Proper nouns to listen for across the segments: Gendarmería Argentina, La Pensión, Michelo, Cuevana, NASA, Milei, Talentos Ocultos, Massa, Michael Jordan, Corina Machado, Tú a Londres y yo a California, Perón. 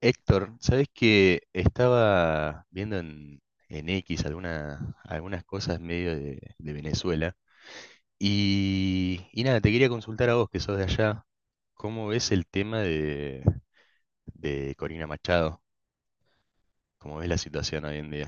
Héctor, ¿sabes que estaba viendo en X algunas cosas medio de Venezuela? Y nada, te quería consultar a vos que sos de allá, ¿cómo ves el tema de Corina Machado? ¿Cómo ves la situación hoy en día?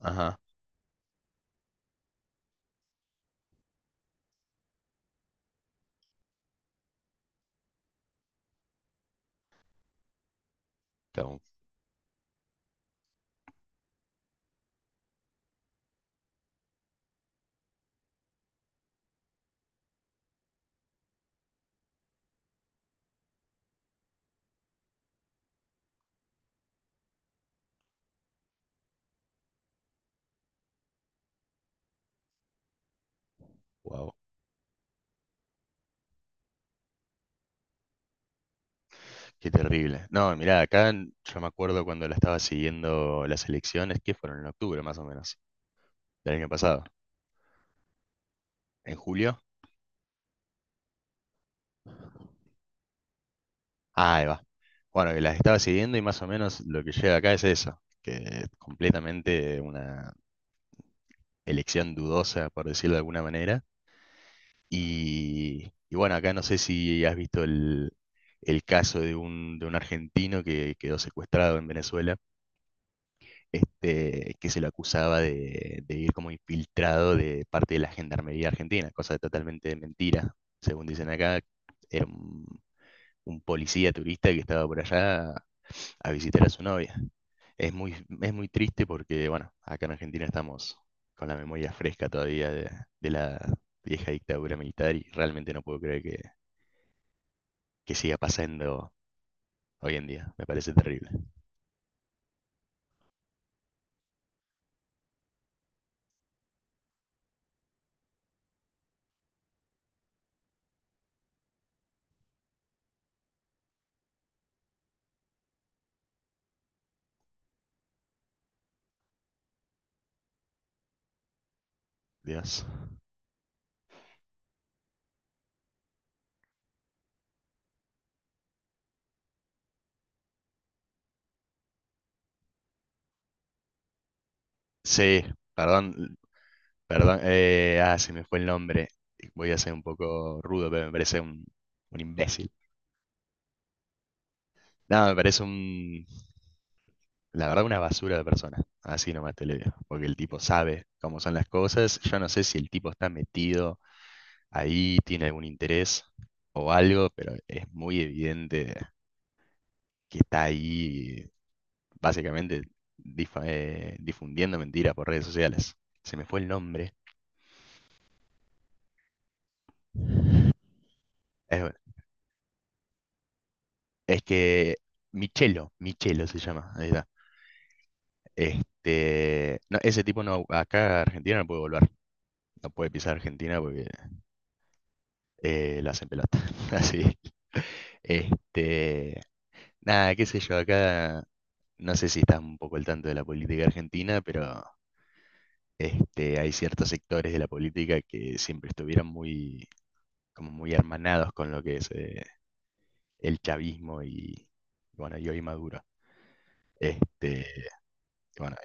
Ajá. Wow, qué terrible. No, mirá, acá yo me acuerdo cuando la estaba siguiendo las elecciones, que fueron en octubre más o menos, del año pasado, en julio. Ah, ahí va. Bueno, que las estaba siguiendo y más o menos lo que llega acá es eso, que es completamente una elección dudosa, por decirlo de alguna manera. Y bueno, acá no sé si has visto el caso de un argentino que quedó secuestrado en Venezuela, que se lo acusaba de ir como infiltrado de parte de la Gendarmería Argentina, cosa totalmente mentira. Según dicen acá, era un policía turista que estaba por allá a visitar a su novia. Es muy, es muy triste porque, bueno, acá en Argentina estamos con la memoria fresca todavía de la vieja dictadura militar y realmente no puedo creer que siga pasando hoy en día. Me parece terrible. Dios. Sí, perdón, perdón. Se me fue el nombre. Voy a ser un poco rudo, pero me parece un imbécil. No, me parece la verdad, una basura de persona. Así nomás te lo digo. Porque el tipo sabe cómo son las cosas. Yo no sé si el tipo está metido ahí, tiene algún interés o algo, pero es muy evidente que está ahí básicamente difundiendo mentiras por redes sociales. Se me fue el nombre. Bueno, es que Michelo, Michelo se llama. Ahí está. No, ese tipo no, acá a Argentina no puede volver. No puede pisar Argentina porque la hacen pelota. Así. Este, nada, qué sé yo, acá no sé si estás un poco al tanto de la política argentina, pero hay ciertos sectores de la política que siempre estuvieron muy, como muy hermanados con lo que es el chavismo y, bueno, y hoy Maduro. Este, bueno,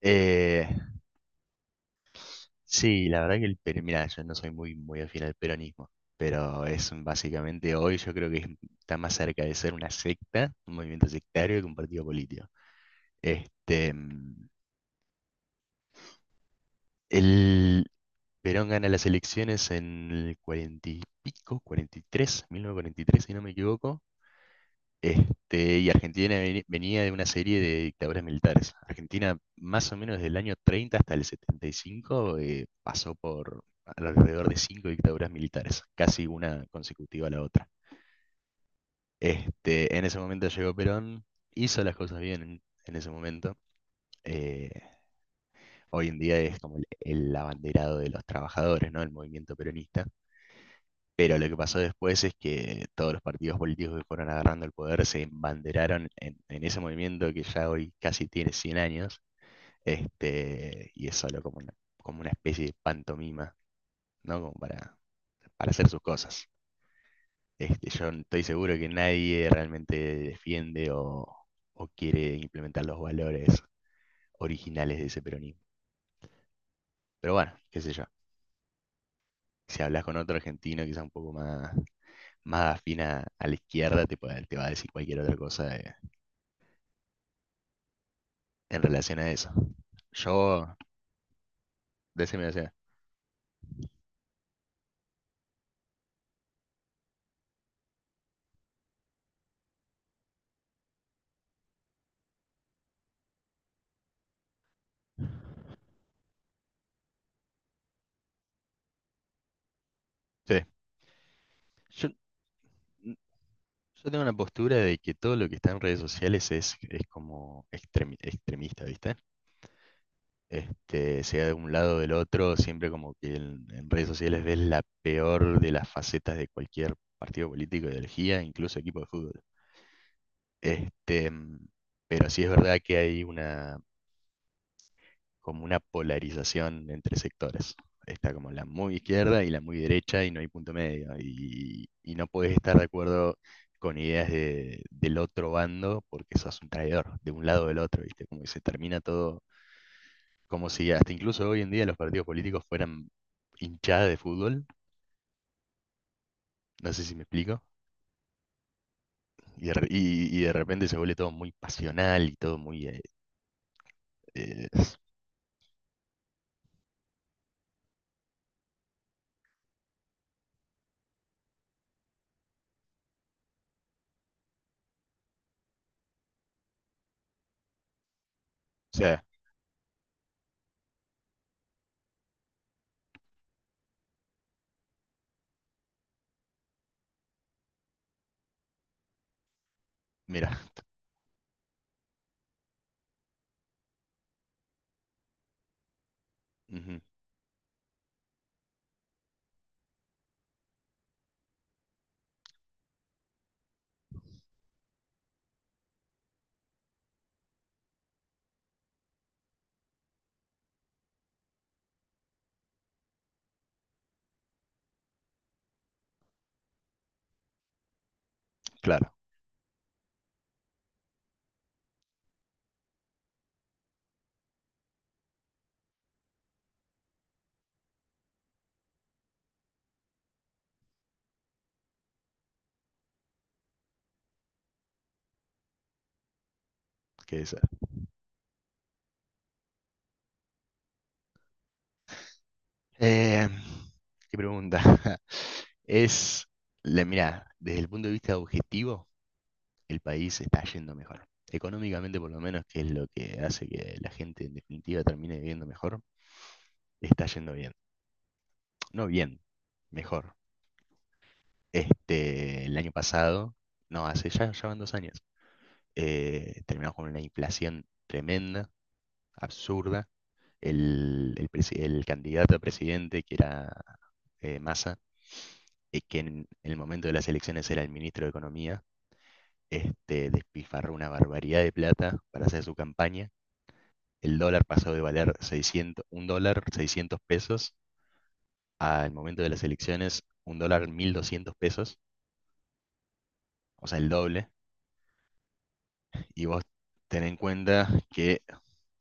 eh, sí, la verdad que mira, yo no soy muy, muy afín al peronismo, pero es básicamente hoy yo creo que está más cerca de ser una secta, un movimiento sectario que un partido político. Este, mm, el Perón gana las elecciones en el 40 y pico, 43,943, si no me equivoco. Y Argentina venía de una serie de dictaduras militares. Argentina, más o menos desde el año 30 hasta el 75, pasó por alrededor de cinco dictaduras militares, casi una consecutiva a la otra. En ese momento llegó Perón, hizo las cosas bien en ese momento. eh, Hoy en día es como el abanderado de los trabajadores, ¿no? El movimiento peronista. Pero lo que pasó después es que todos los partidos políticos que fueron agarrando el poder se embanderaron en ese movimiento que ya hoy casi tiene 100 años, y es solo como como una especie de pantomima, ¿no? Como para hacer sus cosas. Yo estoy seguro que nadie realmente defiende o quiere implementar los valores originales de ese peronismo. Pero bueno, qué sé yo. Si hablas con otro argentino quizá un poco más afín a la izquierda, te va a decir cualquier otra cosa de, en relación a eso. Yo, Decime, o sea. Sí, yo, mm, yo tengo una postura de que todo lo que está en redes sociales es como extremista, ¿viste? Sea de un lado o del otro, siempre como que en redes sociales ves la peor de las facetas de cualquier partido político, ideología, incluso equipo de fútbol. Este, mm, pero sí es verdad que hay una como una polarización entre sectores. Está como la muy izquierda y la muy derecha y no hay punto medio. Y no puedes estar de acuerdo con ideas del otro bando porque sos un traidor, de un lado o del otro, ¿viste? Como que se termina todo, como si hasta incluso hoy en día los partidos políticos fueran hinchada de fútbol, no sé si me explico, y de repente se vuelve todo muy pasional y todo muy, o sea, mira. Ujú, claro, que esa. Eh, ¿Qué pregunta? Es, mira, desde el punto de vista objetivo, el país está yendo mejor. Económicamente, por lo menos, que es lo que hace que la gente en definitiva termine viviendo mejor, está yendo bien. No bien, mejor. El año pasado, no, hace ya van 2 años, terminamos con una inflación tremenda, absurda. El candidato a presidente, que era Massa, que en el momento de las elecciones era el ministro de Economía, despifarró una barbaridad de plata para hacer su campaña. El dólar pasó de valer 600, un dólar 600 pesos al momento de las elecciones, un dólar 1200 pesos, o sea, el doble. Y vos ten en cuenta que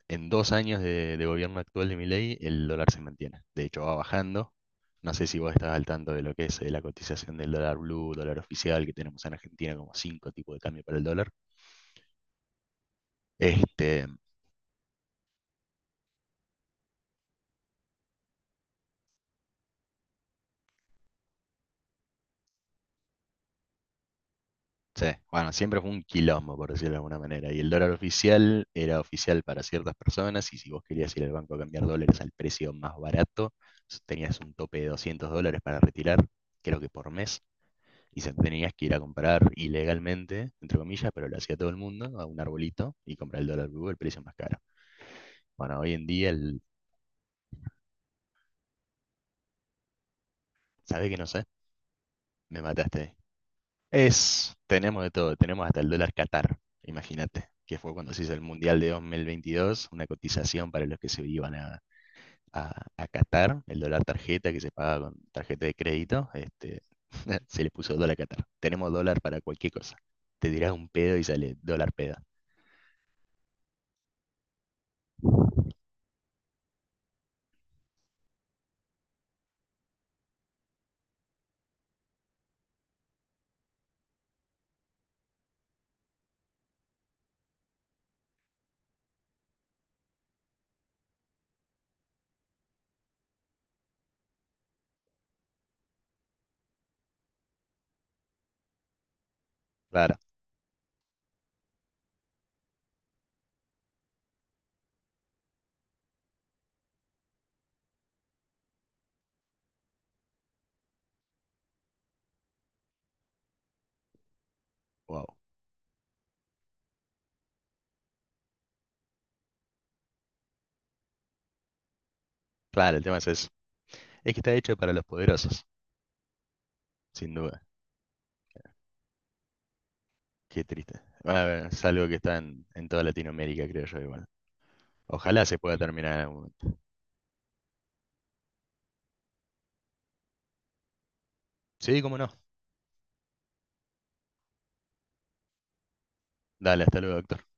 en 2 años de gobierno actual de Milei, el dólar se mantiene. De hecho, va bajando. No sé si vos estás al tanto de lo que es la cotización del dólar blue, dólar oficial, que tenemos en Argentina como cinco tipos de cambio para el dólar. Este, Sí bueno, siempre fue un quilombo, por decirlo de alguna manera. Y el dólar oficial era oficial para ciertas personas y si vos querías ir al banco a cambiar dólares al precio más barato, tenías un tope de 200 dólares para retirar, creo que por mes, y se tenías que ir a comprar ilegalmente, entre comillas, pero lo hacía todo el mundo, a un arbolito y comprar el dólar blue al precio más caro. Bueno, hoy en día, ¿sabes que no sé? Me mataste. Tenemos de todo, tenemos hasta el dólar Qatar, imagínate, que fue cuando se hizo el Mundial de 2022, una cotización para los que se iban a, a, a Qatar, el dólar tarjeta que se paga con tarjeta de crédito, se le puso dólar Qatar. Tenemos dólar para cualquier cosa. Te dirás un pedo y sale dólar peda. Claro, wow. Claro, el tema es eso. Es que está hecho para los poderosos, sin duda. Qué triste. Bueno, a ver, es algo que está en toda Latinoamérica, creo yo, igual. Ojalá se pueda terminar en algún momento. Sí, cómo no. Dale, hasta luego, doctor.